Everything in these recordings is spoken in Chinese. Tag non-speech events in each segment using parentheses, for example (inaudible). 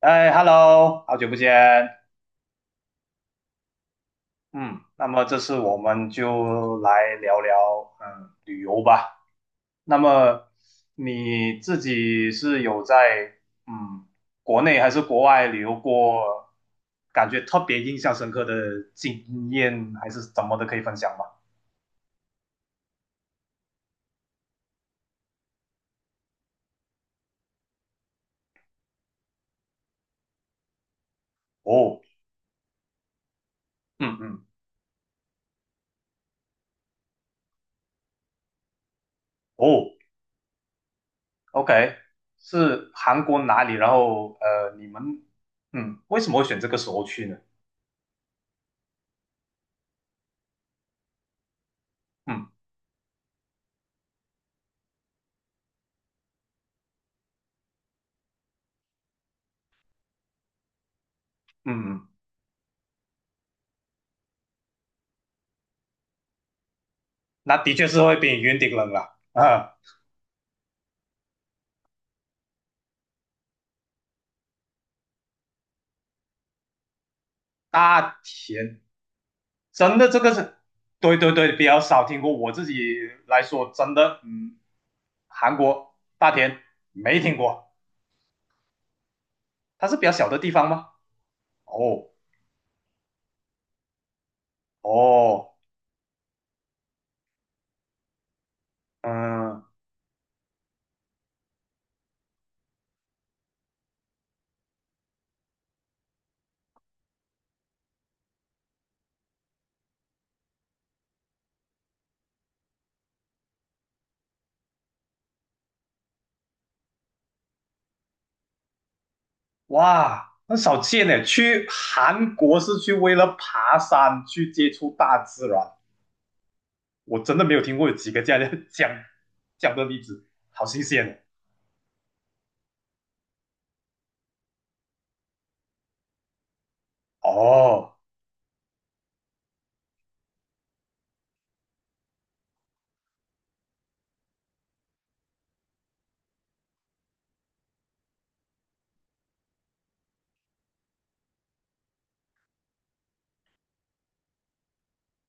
哎，Hello，好久不见。嗯，那么这次我们就来聊聊旅游吧。那么你自己是有在嗯国内还是国外旅游过，感觉特别印象深刻的经验还是怎么的，可以分享吗？哦，嗯嗯，哦，OK，是韩国哪里？然后你们为什么会选这个时候去呢？嗯嗯嗯。那的确是会比云顶冷了啊。大田，真的这个是，对对对，比较少听过。我自己来说，真的，韩国大田没听过，它是比较小的地方吗？哦哦，嗯，哇，很少见呢。去韩国是去为了爬山，去接触大自然。我真的没有听过有几个这样的 (laughs) 讲的例子，好新鲜哦。哦，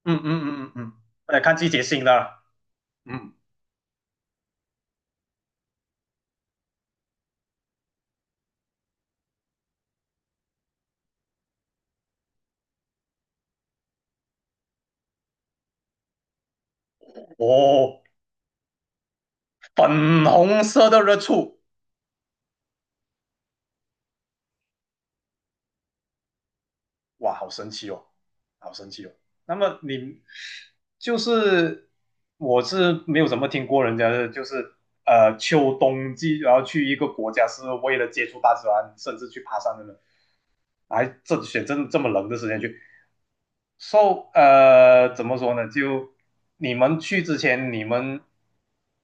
嗯嗯嗯嗯嗯，来看季节性的。嗯，哦，粉红色的热醋，哇，好神奇哦，好神奇哦。那么你就是我是没有怎么听过人家的，就是秋冬季，然后去一个国家是为了接触大自然，甚至去爬山的人，还这选这这么冷的时间去。so 怎么说呢？就你们去之前，你们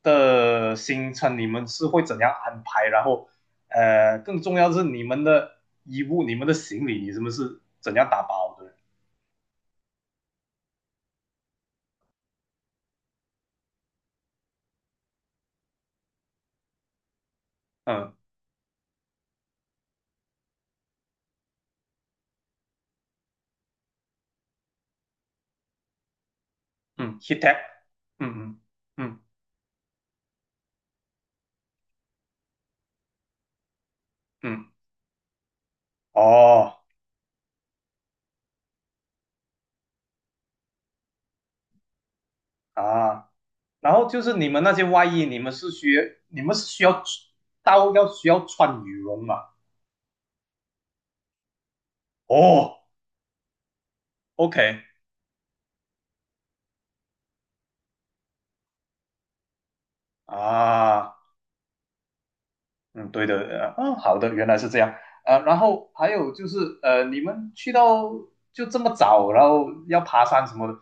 的行程你们是会怎样安排？然后更重要的是你们的衣物、你们的行李，你们是怎样打包的？嗯嗯 h i t a e 嗯嗯嗯嗯，哦啊，然后就是你们那些外衣，你们是需要到要需要穿羽绒嘛？哦，OK 啊。嗯，对的，好的，原来是这样，然后还有就是，你们去到就这么早，然后要爬山什么的，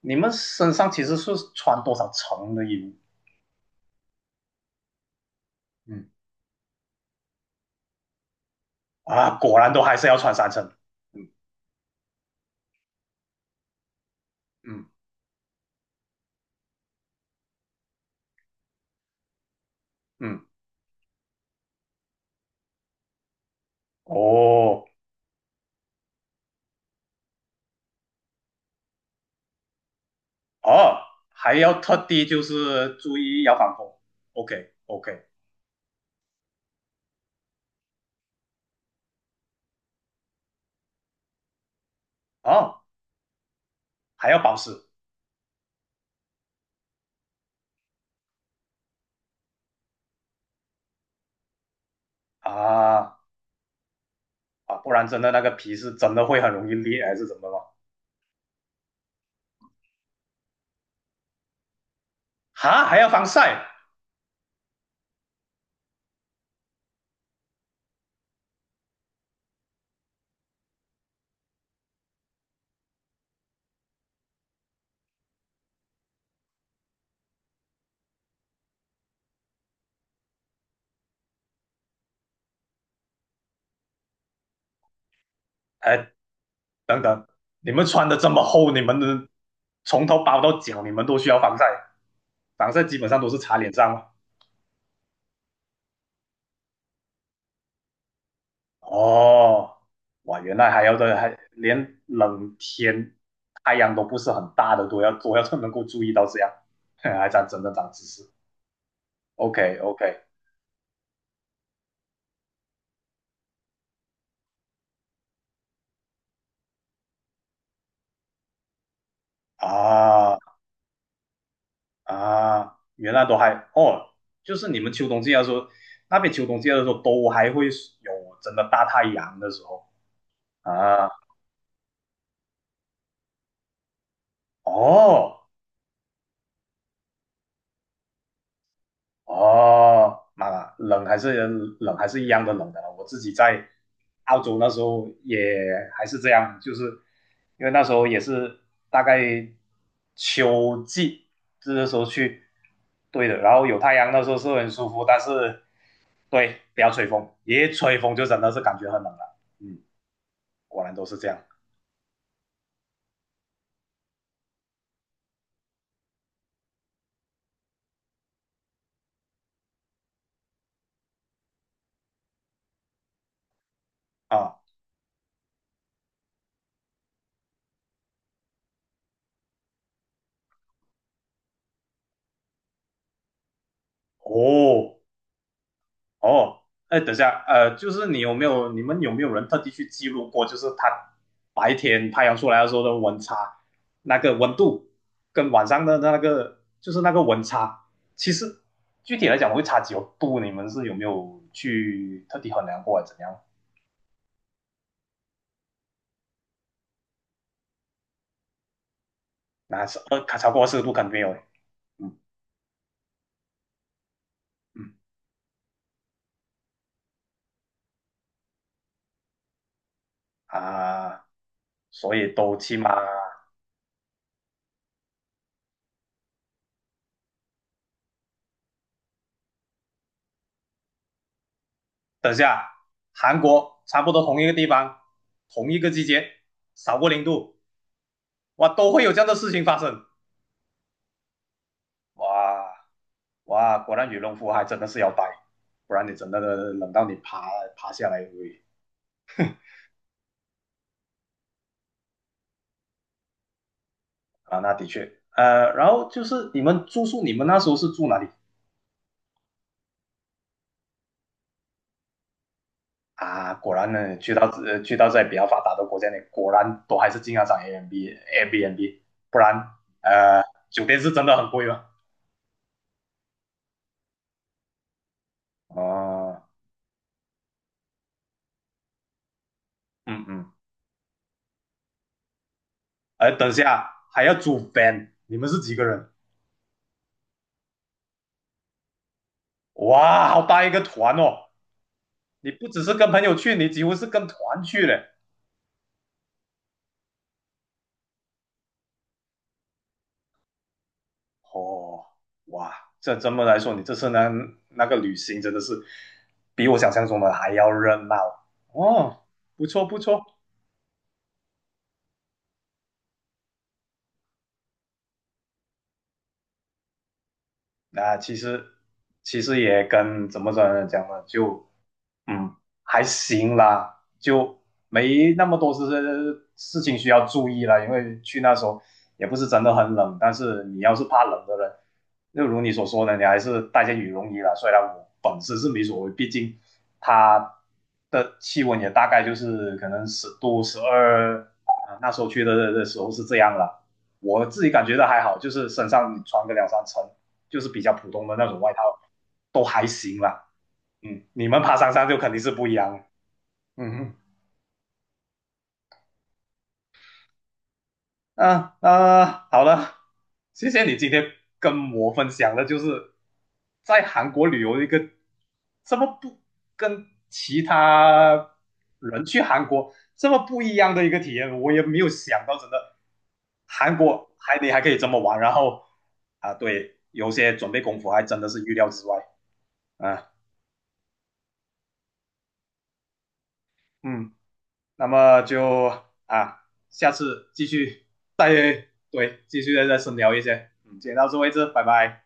你们身上其实是穿多少层的衣服？嗯，啊，果然都还是要穿三层。嗯嗯嗯，哦哦，还要特地就是注意要防风。OK OK，哦，还要保湿。啊啊，不然真的那个皮是真的会很容易裂还是怎么了？哈，还要防晒？呃，等等，你们穿的这么厚，你们的从头包到脚，你们都需要防晒，防晒基本上都是擦脸上嘛。哦，哇，原来还要的，还连冷天太阳都不是很大的都要能够注意到这样，(laughs) 真的长知识。OK OK， 啊啊，原来都还哦，就是你们秋冬季的时候，那边秋冬季的时候都还会有真的大太阳的时候啊哦。哦，妈呀，冷还是一样的冷的了。我自己在澳洲那时候也还是这样，就是因为那时候也是大概秋季，这时候去，对的。然后有太阳，那时候是很舒服，但是对，不要吹风，一吹风就真的是感觉很冷了。嗯，果然都是这样啊。哦，哦，哎，等一下，就是你们有没有人特地去记录过，就是它白天太阳出来的时候的温差，那个温度跟晚上的那个，就是那个温差，其实具体来讲会差几度，你们是有没有去特地衡量过，怎样？那是超过40度肯定没有，嗯嗯啊，所以都起码，等一下，韩国差不多同一个地方，同一个季节，少过0度。哇，都会有这样的事情发生。哇哇，果然羽绒服还真的是要带，不然你真的冷到你爬下来喂啊，那的确。然后就是你们住宿，你们那时候是住哪里啊？果然呢，去到在比较发达的国家呢，你果然都还是经常涨 a M b n b a b n b 不然呃酒店是真的很贵了。哦，嗯嗯，哎，等一下还要租 van，你们是几个人？哇，好大一个团哦！你不只是跟朋友去，你几乎是跟团去嘞。哦，哇，这么来说，你这次呢那个旅行真的是比我想象中的还要热闹哦，不错不错。那、其实也跟怎么讲呢，就嗯，还行啦，就没那么多事情需要注意了，因为去那时候也不是真的很冷，但是你要是怕冷的人，就如你所说的，你还是带件羽绒衣啦。虽然我本身是没所谓，毕竟它的气温也大概就是可能十度、12，啊，那时候去的时候是这样了。我自己感觉到还好，就是身上穿个两三层，就是比较普通的那种外套，都还行啦。嗯，你们爬山上就肯定是不一样了。嗯哼，啊啊，好了，谢谢你今天跟我分享的，就是在韩国旅游的一个这么不跟其他人去韩国这么不一样的一个体验，我也没有想到，真的韩国你还可以这么玩，然后啊，对，有些准备功夫还真的是预料之外啊，嗯。那么就啊，下次继续再。对，继续再深聊一些。嗯，今天到此为止，拜拜。